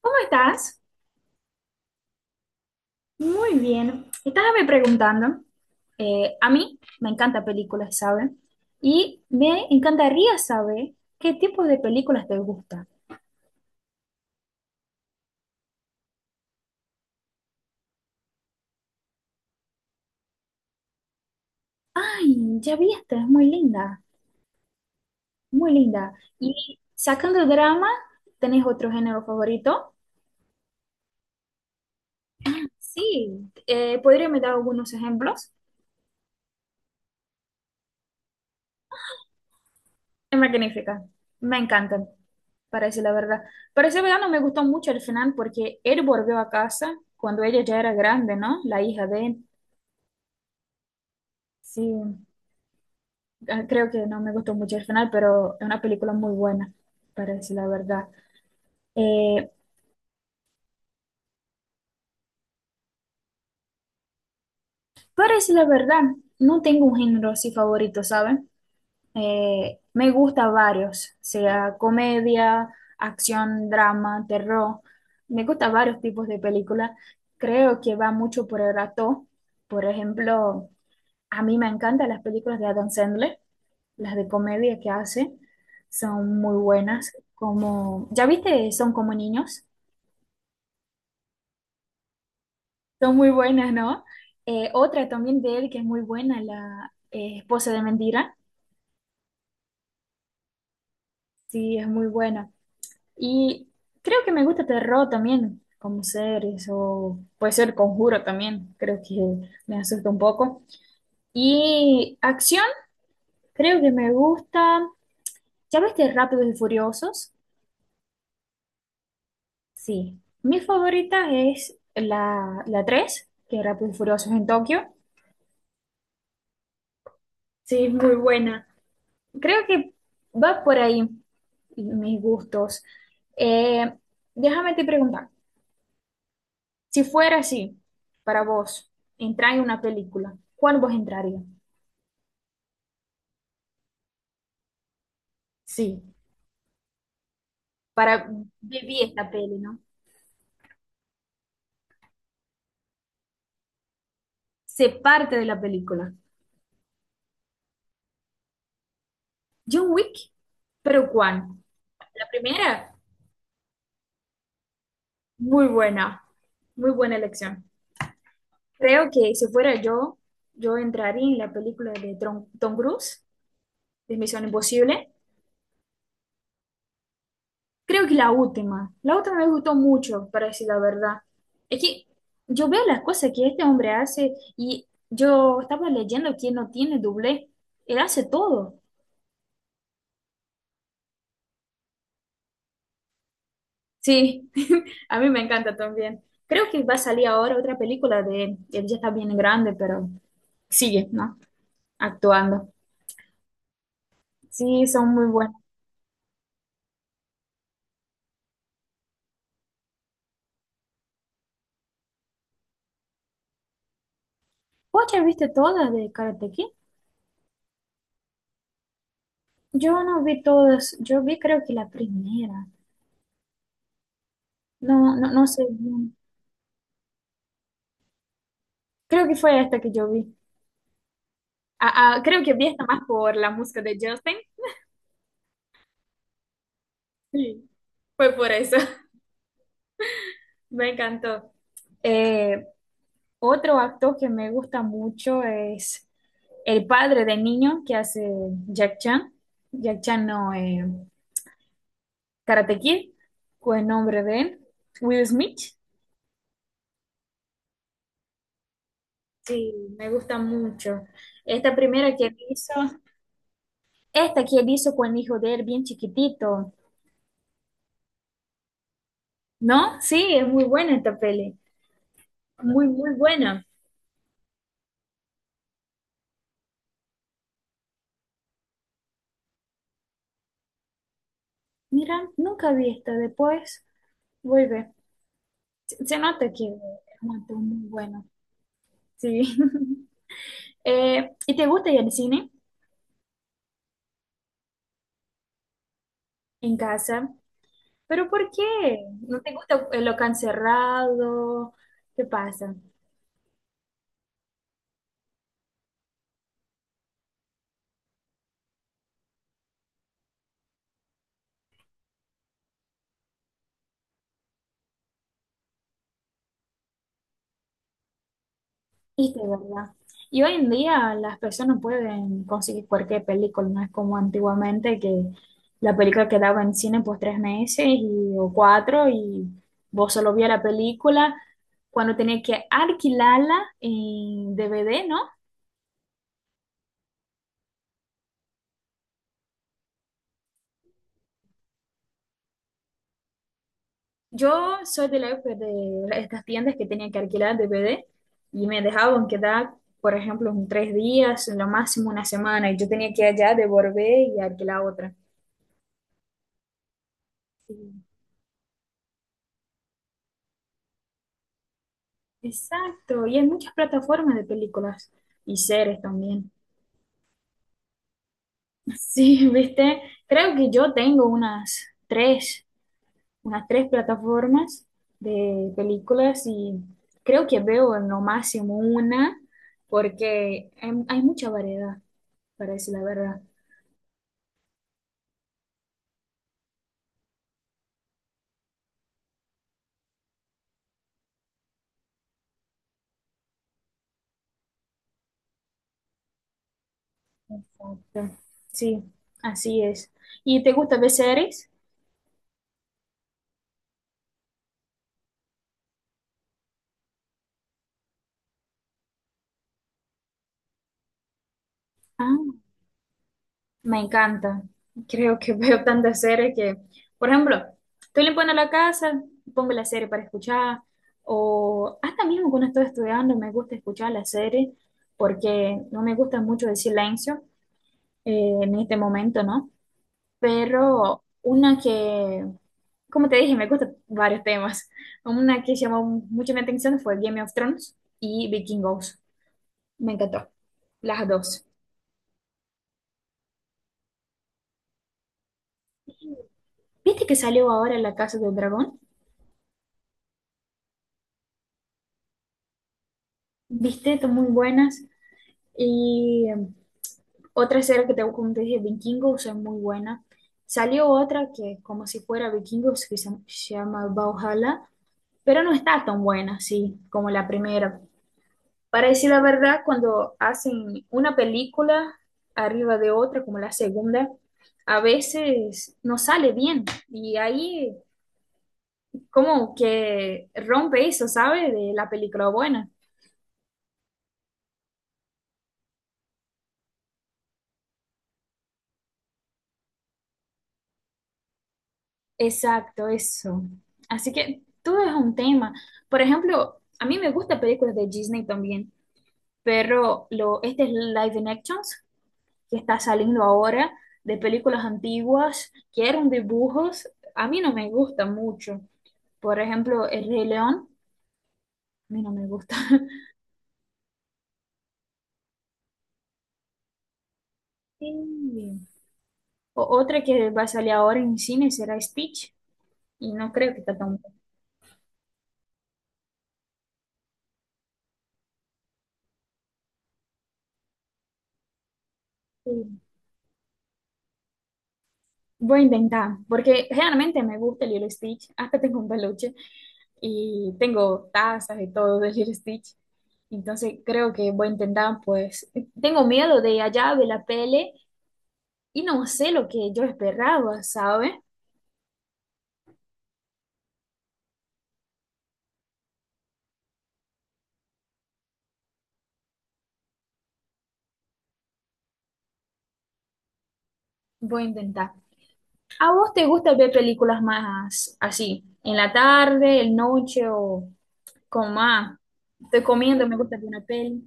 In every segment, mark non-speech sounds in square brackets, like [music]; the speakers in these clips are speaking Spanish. ¿Cómo estás? Muy bien. Estábame preguntando. A mí me encanta películas, ¿sabes? Y me encantaría saber qué tipo de películas te gustan. Ay, ya vi esta, es muy linda, muy linda. Y sacando drama, ¿tenés otro género favorito? Sí, ¿podría me dar algunos ejemplos? Es magnífica, me encantan, para decir la verdad. Para ser verdad, no me gustó mucho el final porque él volvió a casa cuando ella ya era grande, ¿no? La hija de él. Sí, creo que no me gustó mucho el final, pero es una película muy buena, para decir la verdad. Eh, para decir la verdad, no tengo un género así favorito, ¿saben? Me gusta varios, sea comedia, acción, drama, terror. Me gusta varios tipos de películas. Creo que va mucho por el actor. Por ejemplo, a mí me encantan las películas de Adam Sandler. Las de comedia que hace son muy buenas, como, ¿ya viste? Son como niños, son muy buenas, ¿no? Otra también de él que es muy buena, la esposa de mentira, sí, es muy buena. Y creo que me gusta terror también, como series, o puede ser Conjuro también, creo que me asusta un poco. Y acción, creo que me gusta, ¿ya viste Rápidos y Furiosos? Sí, mi favorita es la tres, que es Rápido y Furiosos en Tokio. Sí, es muy buena. Creo que va por ahí mis gustos. Eh, Déjame te preguntar, si fuera así, para vos, entrar en una película, ¿cuál vos entraría? Sí, para vivir esta peli, ¿no? Ser parte de la película. John Wick, pero ¿cuál? La primera, muy buena, muy buena elección. Creo que si fuera yo, yo entraría en la película de Tom Cruise, de Misión Imposible. Creo que la última. La última me gustó mucho, para decir la verdad. Es que yo veo las cosas que este hombre hace y yo estaba leyendo que no tiene doblé. Él hace todo. Sí, [laughs] a mí me encanta también. Creo que va a salir ahora otra película de él. Él ya está bien grande, pero sigue, ¿no? Actuando. Sí, son muy buenas. ¿Vos ya viste todas de Karate Kid? Yo no vi todas, yo vi creo que la primera, no, no, no sé bien. Creo que fue esta que yo vi. Ah, ah, creo que vi esta más por la música de Justin. Sí, fue por eso. [laughs] Me encantó. Eh, Otro actor que me gusta mucho es el padre del niño que hace Jack Chan. Jack Chan no, Karate Kid, fue el nombre de él. Will Smith. Sí, me gusta mucho. Esta primera que él hizo. Esta que él hizo con el hijo de él, bien chiquitito, ¿no? Sí, es muy buena esta peli, muy, muy buena. Mira, nunca vi esta, después vuelve. Se nota que es un actor muy bueno, sí. [laughs] ¿Y te gusta ir al cine en casa? ¿Pero por qué? ¿No te gusta el local cerrado? ¿Qué pasa? Es que es verdad. Y hoy en día las personas pueden conseguir cualquier película, no es como antiguamente que la película quedaba en cine por tres meses y, o cuatro, y vos solo vías la película cuando tenías que alquilarla en DVD, ¿no? Yo soy de la época de estas tiendas que tenían que alquilar DVD y me dejaban quedar, por ejemplo, en tres días, en lo máximo una semana, y yo tenía que allá devolver y alquilar otra. Sí. Exacto, y hay muchas plataformas de películas y series también. Sí, [laughs] viste, creo que yo tengo unas tres plataformas de películas, y creo que veo en lo máximo una porque hay mucha variedad, parece la verdad. Exacto. Sí, así es. ¿Y te gusta ver series? Ah. Me encanta. Creo que [laughs] veo tantas series que, por ejemplo, estoy limpiando la casa, pongo la serie para escuchar, o hasta mismo cuando estoy estudiando me gusta escuchar la serie porque no me gusta mucho el silencio en este momento, ¿no? Pero una que, como te dije, me gustan varios temas. Una que llamó mucho mi atención fue Game of Thrones y Vikingos. Me encantó, las dos. ¿Viste que salió ahora La Casa del Dragón? ¿Viste? Son muy buenas. Y otra serie que tengo, como te dije, Vikingos, es muy buena. Salió otra que es como si fuera Vikingos, que se llama Valhalla, pero no está tan buena, sí, como la primera. Para decir la verdad, cuando hacen una película arriba de otra, como la segunda, a veces no sale bien. Y ahí como que rompe eso, ¿sabes? De la película buena. Exacto, eso. Así que todo es un tema. Por ejemplo, a mí me gustan películas de Disney también, pero lo, este es Live Actions que está saliendo ahora de películas antiguas que eran dibujos. A mí no me gusta mucho. Por ejemplo, El Rey León, a mí no me gusta. [laughs] Sí. O otra que va a salir ahora en cine será Stitch y no creo que está tan buena. Voy a intentar, porque realmente me gusta el Lilo Stitch, hasta tengo un peluche y tengo tazas y todo de Lilo Stitch. Entonces creo que voy a intentar, pues, tengo miedo de allá de la pele y no sé lo que yo esperaba, ¿sabes? Voy a intentar. ¿A vos te gusta ver películas más así, en la tarde, en noche o con más? Estoy comiendo, me gusta ver una peli.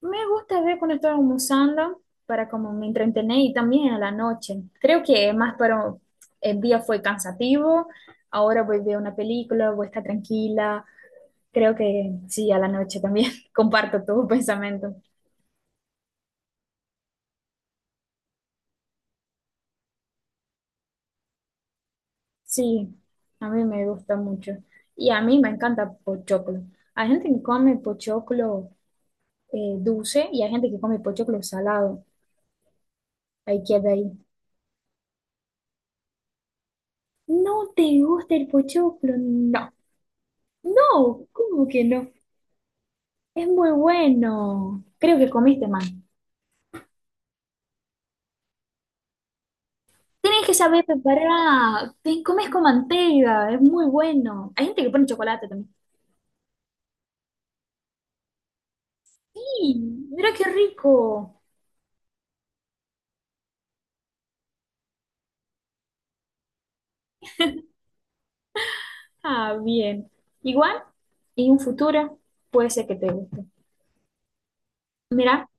Me gusta ver cuando estoy almorzando para como me entretener, y también a la noche. Creo que más para el día fue cansativo, ahora voy a ver una película, voy a estar tranquila. Creo que sí, a la noche también [laughs] comparto tu pensamiento. Sí, a mí me gusta mucho. Y a mí me encanta pochoclo. Hay gente que come pochoclo dulce y hay gente que come pochoclo salado. Ahí queda ahí. ¿No te gusta el pochoclo? No. No, ¿cómo que no? Es muy bueno. Creo que comiste más. Tienes que saber preparar. Te comes con manteiga. Es muy bueno. Hay gente que pone chocolate también. Sí, mira qué rico. Ah, bien. Igual, y un futuro puede ser que te guste. Mira,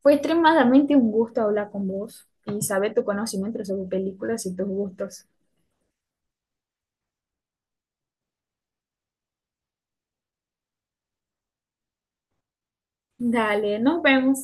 fue extremadamente un gusto hablar con vos y saber tu conocimiento sobre películas y tus gustos. Dale, nos vemos.